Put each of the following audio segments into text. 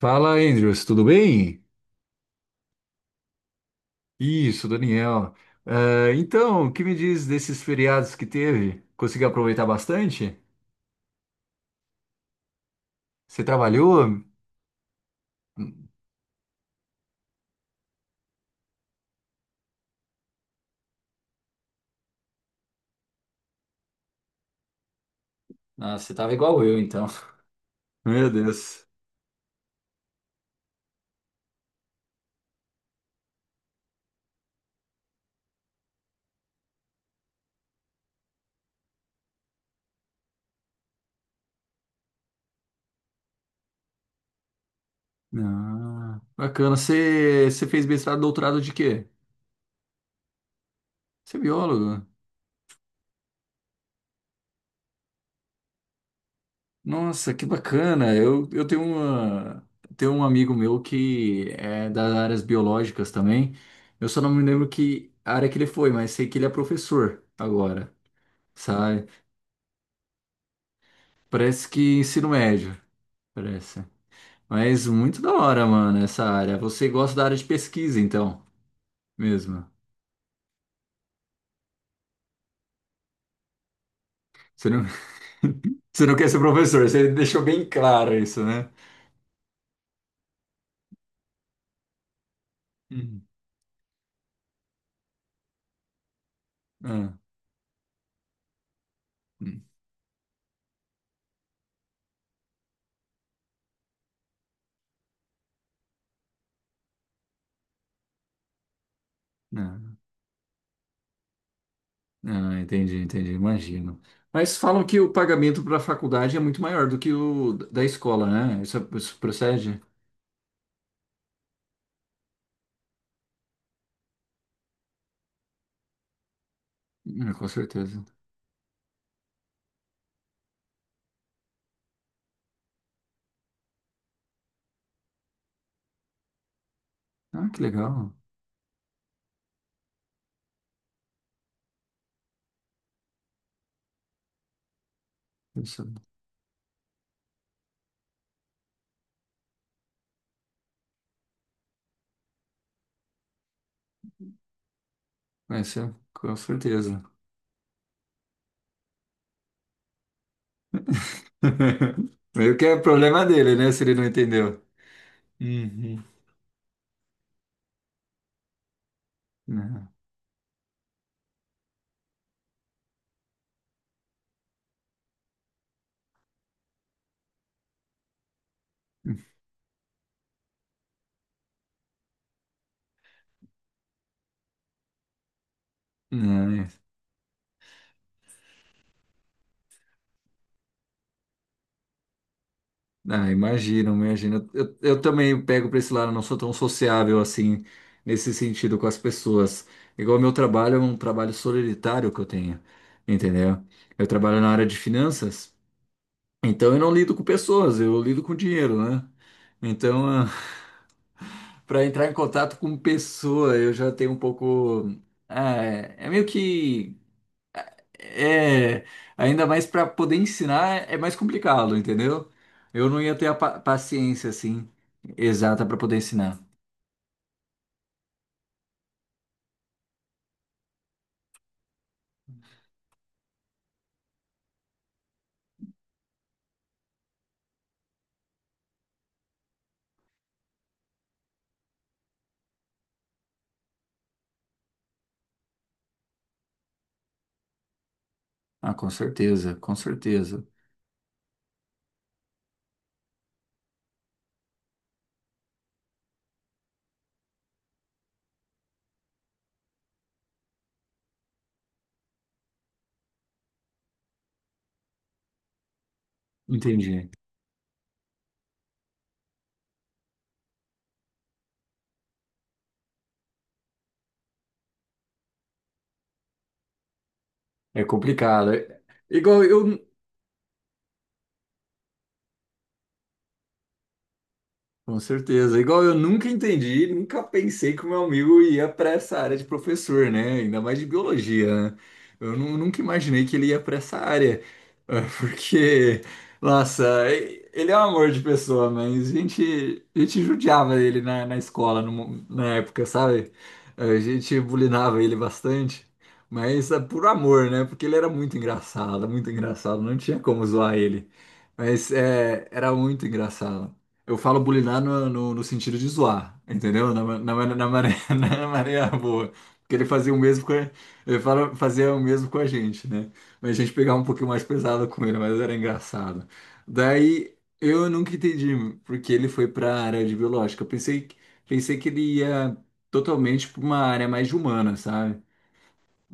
Fala, Andrews, tudo bem? Isso, Daniel. Então, o que me diz desses feriados que teve? Conseguiu aproveitar bastante? Você trabalhou? Ah, você tava igual eu, então. Meu Deus. Ah, bacana. Você fez mestrado, doutorado de quê? Você é biólogo? Nossa, que bacana. Eu tenho tenho um amigo meu que é das áreas biológicas também. Eu só não me lembro que área que ele foi, mas sei que ele é professor agora, sabe? Parece que ensino médio, parece. Mas muito da hora, mano, essa área. Você gosta da área de pesquisa, então, mesmo. Você não, Você não quer ser professor, você deixou bem claro isso, né? Uhum. Ah, hum, ah, entendi, entendi, imagino. Mas falam que o pagamento para a faculdade é muito maior do que o da escola, né? Isso, é, isso procede? Com certeza. Ah, que legal. Isso, isso é, com certeza. Meio que é problema dele, né? Se ele não entendeu. Uhum. Não, não, imagino, imagino. Eu também pego para esse lado, não sou tão sociável assim, nesse sentido, com as pessoas. Igual meu trabalho é um trabalho solitário que eu tenho, entendeu? Eu trabalho na área de finanças, então eu não lido com pessoas, eu lido com dinheiro, né? Então, para entrar em contato com pessoa, eu já tenho um pouco. É meio que é, ainda mais para poder ensinar é mais complicado, entendeu? Eu não ia ter a paciência assim exata para poder ensinar. Ah, com certeza, com certeza. Entendi. É complicado. Igual eu. Com certeza. Igual eu nunca entendi, nunca pensei que o meu amigo ia para essa área de professor, né? Ainda mais de biologia, né? Eu nunca imaginei que ele ia para essa área, porque, nossa, ele é um amor de pessoa, mas a gente judiava ele na escola, no mo- na época, sabe? A gente bulinava ele bastante, mas por amor, né? Porque ele era muito engraçado, não tinha como zoar ele. Mas era muito engraçado. Eu falo bulinar no sentido de zoar, entendeu? Na, ma- na, ma- na, maré, Na maré boa. Porque ele fazia o mesmo com a, ele fala, fazia o mesmo com a gente, né? Mas a gente pegava um pouquinho mais pesado com ele, mas era engraçado. Daí eu nunca entendi porque ele foi para a área de biológica. Eu pensei que ele ia totalmente para uma área mais de humana, sabe?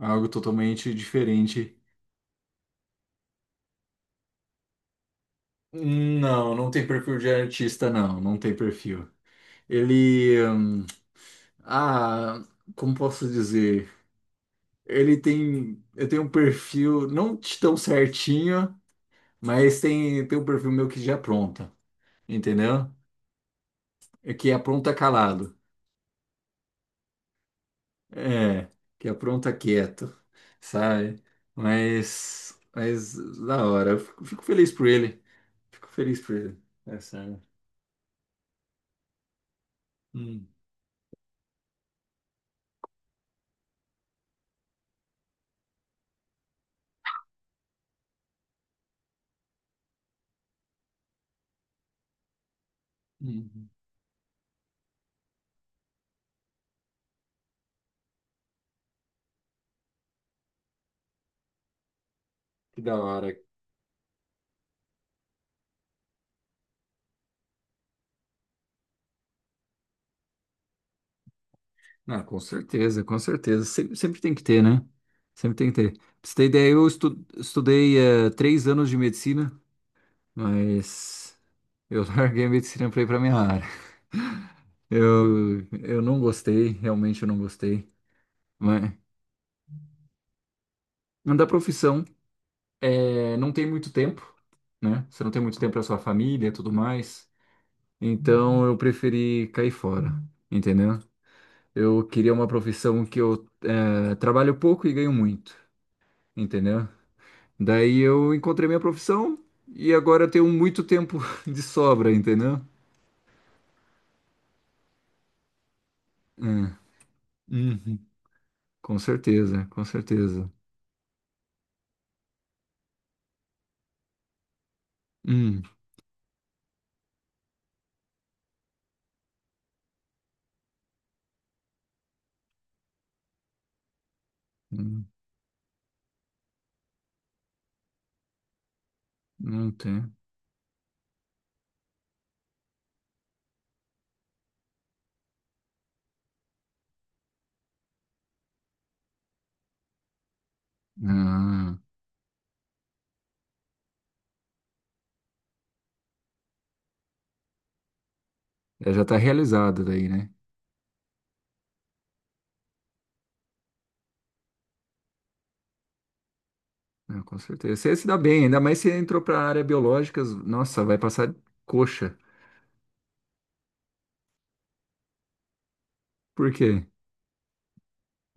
Algo totalmente diferente. Não, não tem perfil de artista, não. Não tem perfil. Ele. Ah, como posso dizer? Eu tenho um perfil não de tão certinho, mas tem um perfil meu que já apronta, entendeu? É que apronta calado, é, que apronta quieto, sabe? Mas da hora, eu fico feliz por ele, fico feliz por ele, é sério. Hum, hum, hum. Que da hora. Ah, com certeza, com certeza. Sempre, sempre tem que ter, né? Sempre tem que ter. Pra você ter ideia, eu estudei 3 anos de medicina, mas eu larguei a medicina pra ir pra minha área. Eu não gostei, realmente eu não gostei. Mas mas da profissão, não tem muito tempo, né? Você não tem muito tempo pra sua família e tudo mais. Então eu preferi cair fora, entendeu? Eu queria uma profissão que eu trabalho pouco e ganho muito, entendeu? Daí eu encontrei minha profissão e agora eu tenho muito tempo de sobra, entendeu? É. Uhum. Com certeza, com certeza. Hum, hum. Não tem. Ah, é, já está realizado daí, né? É, com certeza. Você se dá bem, ainda mais se entrou para a área biológicas, nossa, vai passar coxa. Por quê?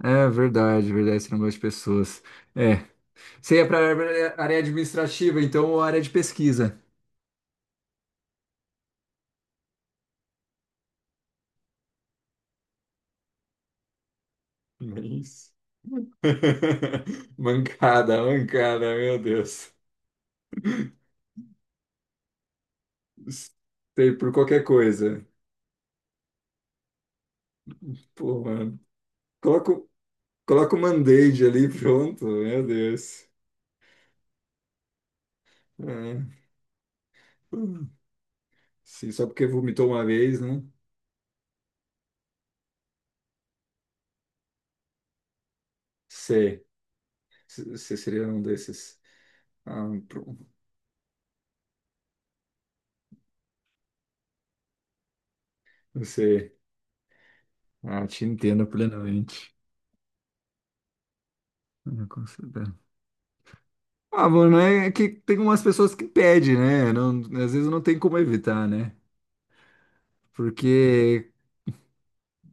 É verdade, verdade, você não gosta de pessoas. É. Você ia para a área administrativa, então, ou área de pesquisa. É isso. Mancada, mancada, meu Deus. Sei por qualquer coisa. Pô, mano. Coloca, coloca o band-aid ali, pronto, meu Deus. É. Sim, só porque vomitou uma vez, né? Sei. Você seria um desses. Ah, pronto. Não sei. Ah, te entendo plenamente. Não consigo. Ah, mano, é que tem umas pessoas que pedem, né? Às vezes não tem como evitar, né? Porque.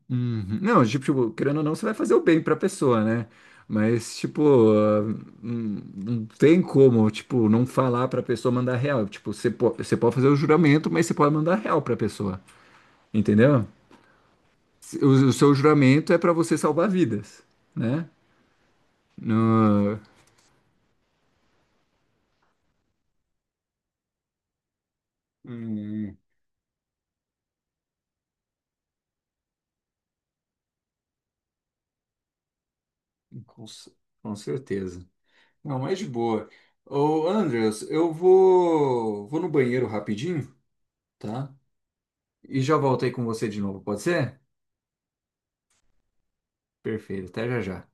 Uhum. Não, tipo, querendo ou não, você vai fazer o bem pra pessoa, né? Mas, tipo, ah, não tem como, tipo, não falar pra pessoa mandar real. Tipo, você pode fazer o juramento, mas você pode mandar real pra pessoa, entendeu? O seu juramento é pra você salvar vidas, né? No... Hum, com, ce- com certeza. Não, mas de boa. Ô, Andreas, eu vou no banheiro rapidinho, tá? E já volto aí com você de novo, pode ser? Perfeito, até já já.